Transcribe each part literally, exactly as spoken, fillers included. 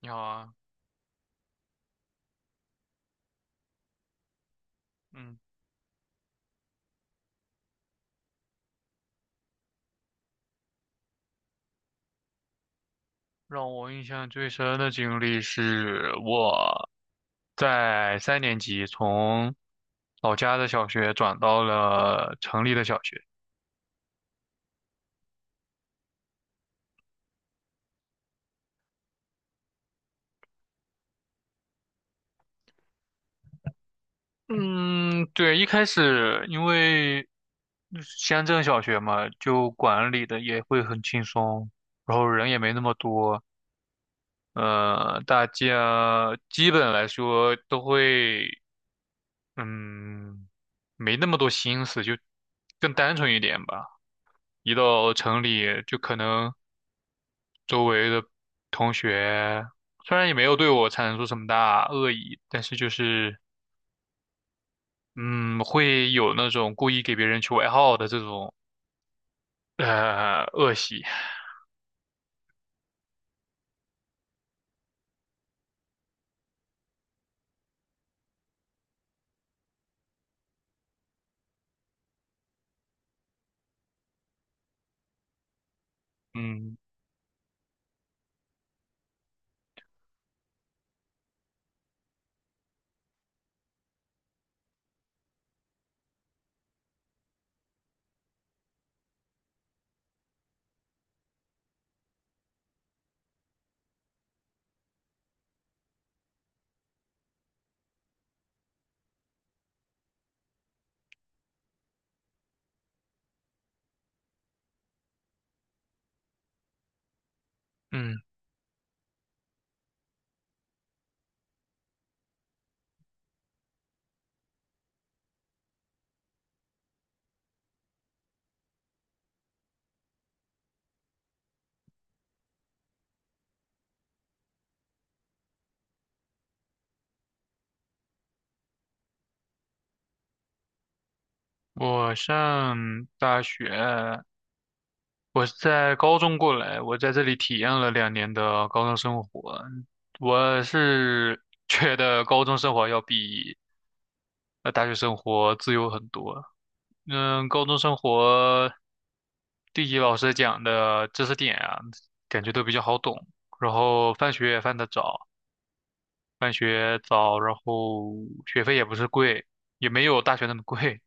你好啊。嗯，让我印象最深的经历是我在三年级从老家的小学转到了城里的小学。嗯，对，一开始因为乡镇小学嘛，就管理的也会很轻松，然后人也没那么多。呃，大家基本来说都会，嗯，没那么多心思，就更单纯一点吧。一到城里，就可能周围的同学虽然也没有对我产生出什么大恶意，但是就是嗯，会有那种故意给别人取外号的这种呃恶习。嗯嗯，我上大学，我是在高中过来，我在这里体验了两年的高中生活。我是觉得高中生活要比呃大学生活自由很多。嗯，高中生活地理老师讲的知识点啊，感觉都比较好懂，然后放学也放得早，放学早，然后学费也不是贵，也没有大学那么贵，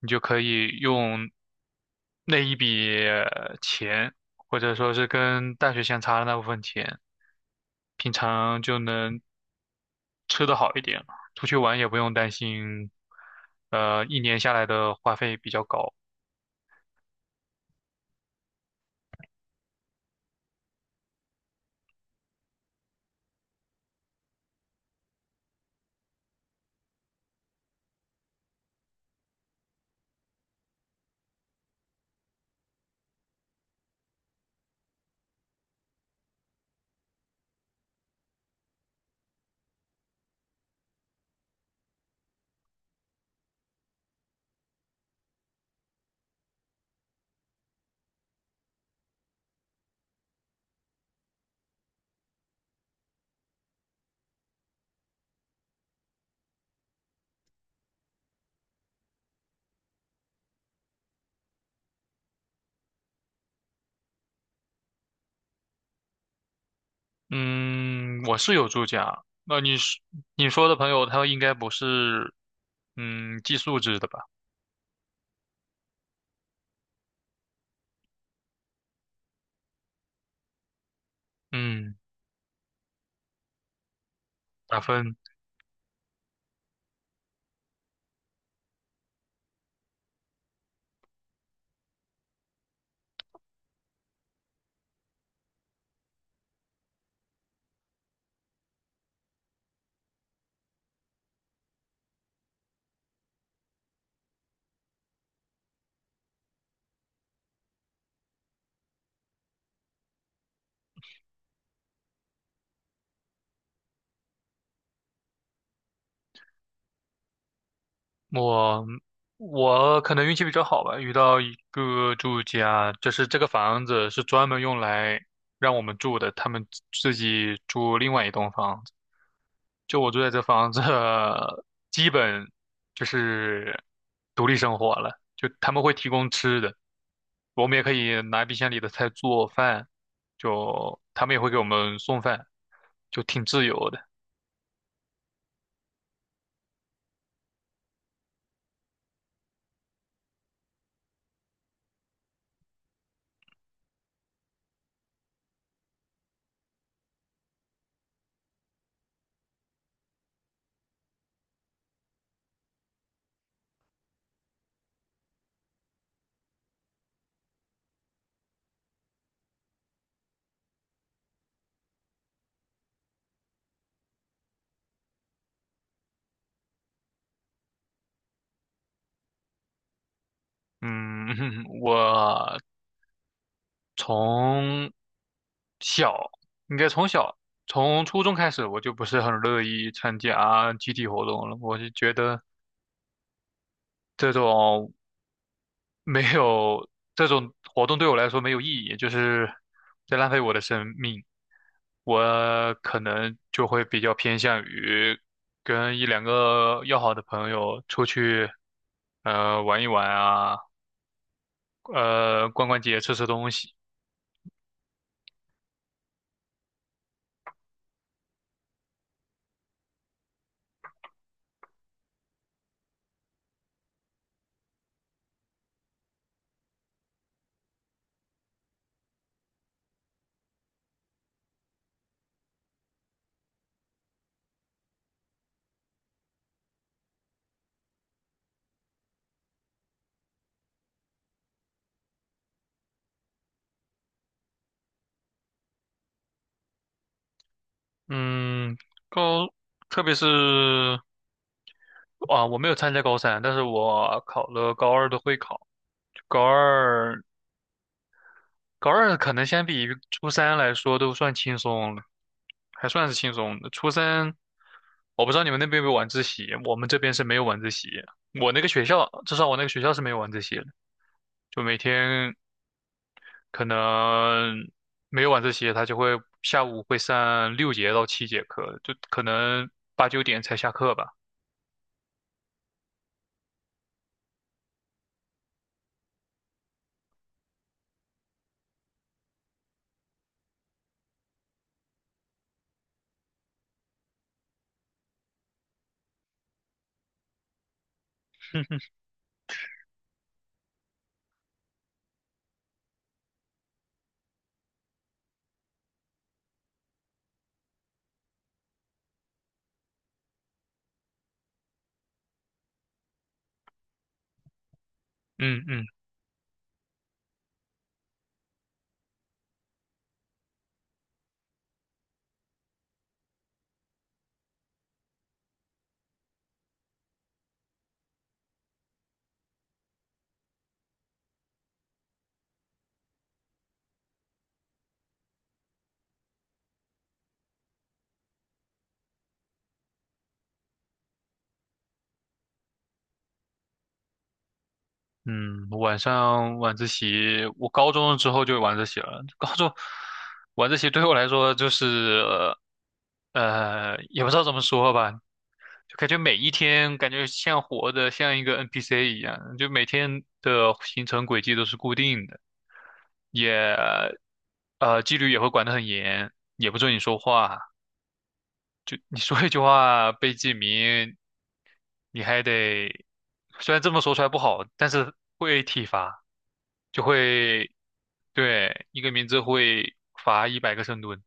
你就可以用那一笔呃钱，或者说是跟大学相差的那部分钱，平常就能吃得好一点，出去玩也不用担心。呃，一年下来的花费比较高。嗯，我是有住家。那你是你说的朋友，他应该不是嗯寄宿制的吧？嗯，打分。我我可能运气比较好吧，遇到一个住家，就是这个房子是专门用来让我们住的，他们自己住另外一栋房子。就我住在这房子，基本就是独立生活了。就他们会提供吃的，我们也可以拿冰箱里的菜做饭，就他们也会给我们送饭，就挺自由的。嗯，我从小，应该从小，从初中开始，我就不是很乐意参加集体活动了。我就觉得这种没有这种活动对我来说没有意义，就是在浪费我的生命。我可能就会比较偏向于跟一两个要好的朋友出去。呃，玩一玩啊。呃，逛逛街，吃吃东西。嗯，高，特别是啊，我没有参加高三，但是我考了高二的会考，高二。高二可能相比于初三来说都算轻松了，还算是轻松的。初三，我不知道你们那边有没有晚自习，我们这边是没有晚自习。我那个学校，至少我那个学校是没有晚自习的，就每天可能没有晚自习，他就会下午会上六节到七节课，就可能八九点才下课吧。嗯嗯。嗯，晚上晚自习，我高中之后就有晚自习了。高中晚自习对我来说就是。呃，也不知道怎么说吧，就感觉每一天感觉像活的，像一个 N P C 一样，就每天的行程轨迹都是固定的。也，呃，纪律也会管得很严，也不准你说话，就你说一句话被记名，你还得，虽然这么说出来不好，但是会体罚，就会。对，一个名字会罚一百个深蹲。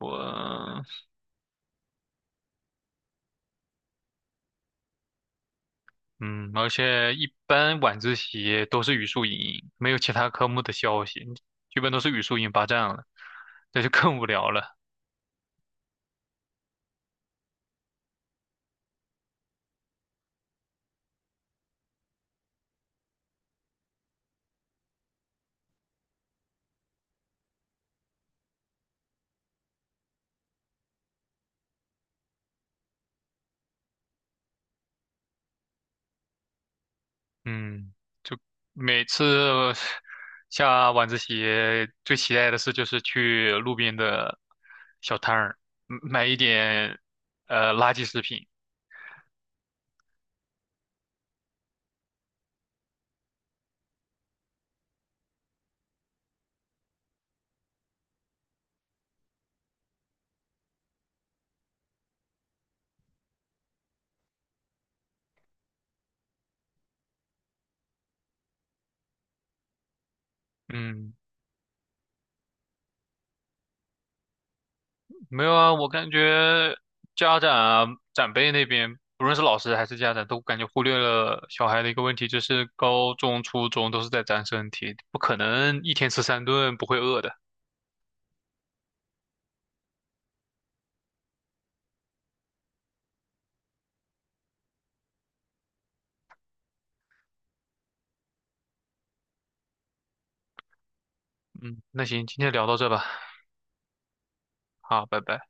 我，嗯，而且一般晚自习都是语数英，没有其他科目的消息，基本都是语数英霸占了，这就更无聊了。嗯，每次下晚自习最期待的事就是去路边的小摊儿嗯买一点呃垃圾食品。嗯，没有啊，我感觉家长啊、长辈那边，不论是老师还是家长，都感觉忽略了小孩的一个问题，就是高中、初中都是在长身体，不可能一天吃三顿不会饿的。嗯，那行，今天聊到这吧，好，拜拜。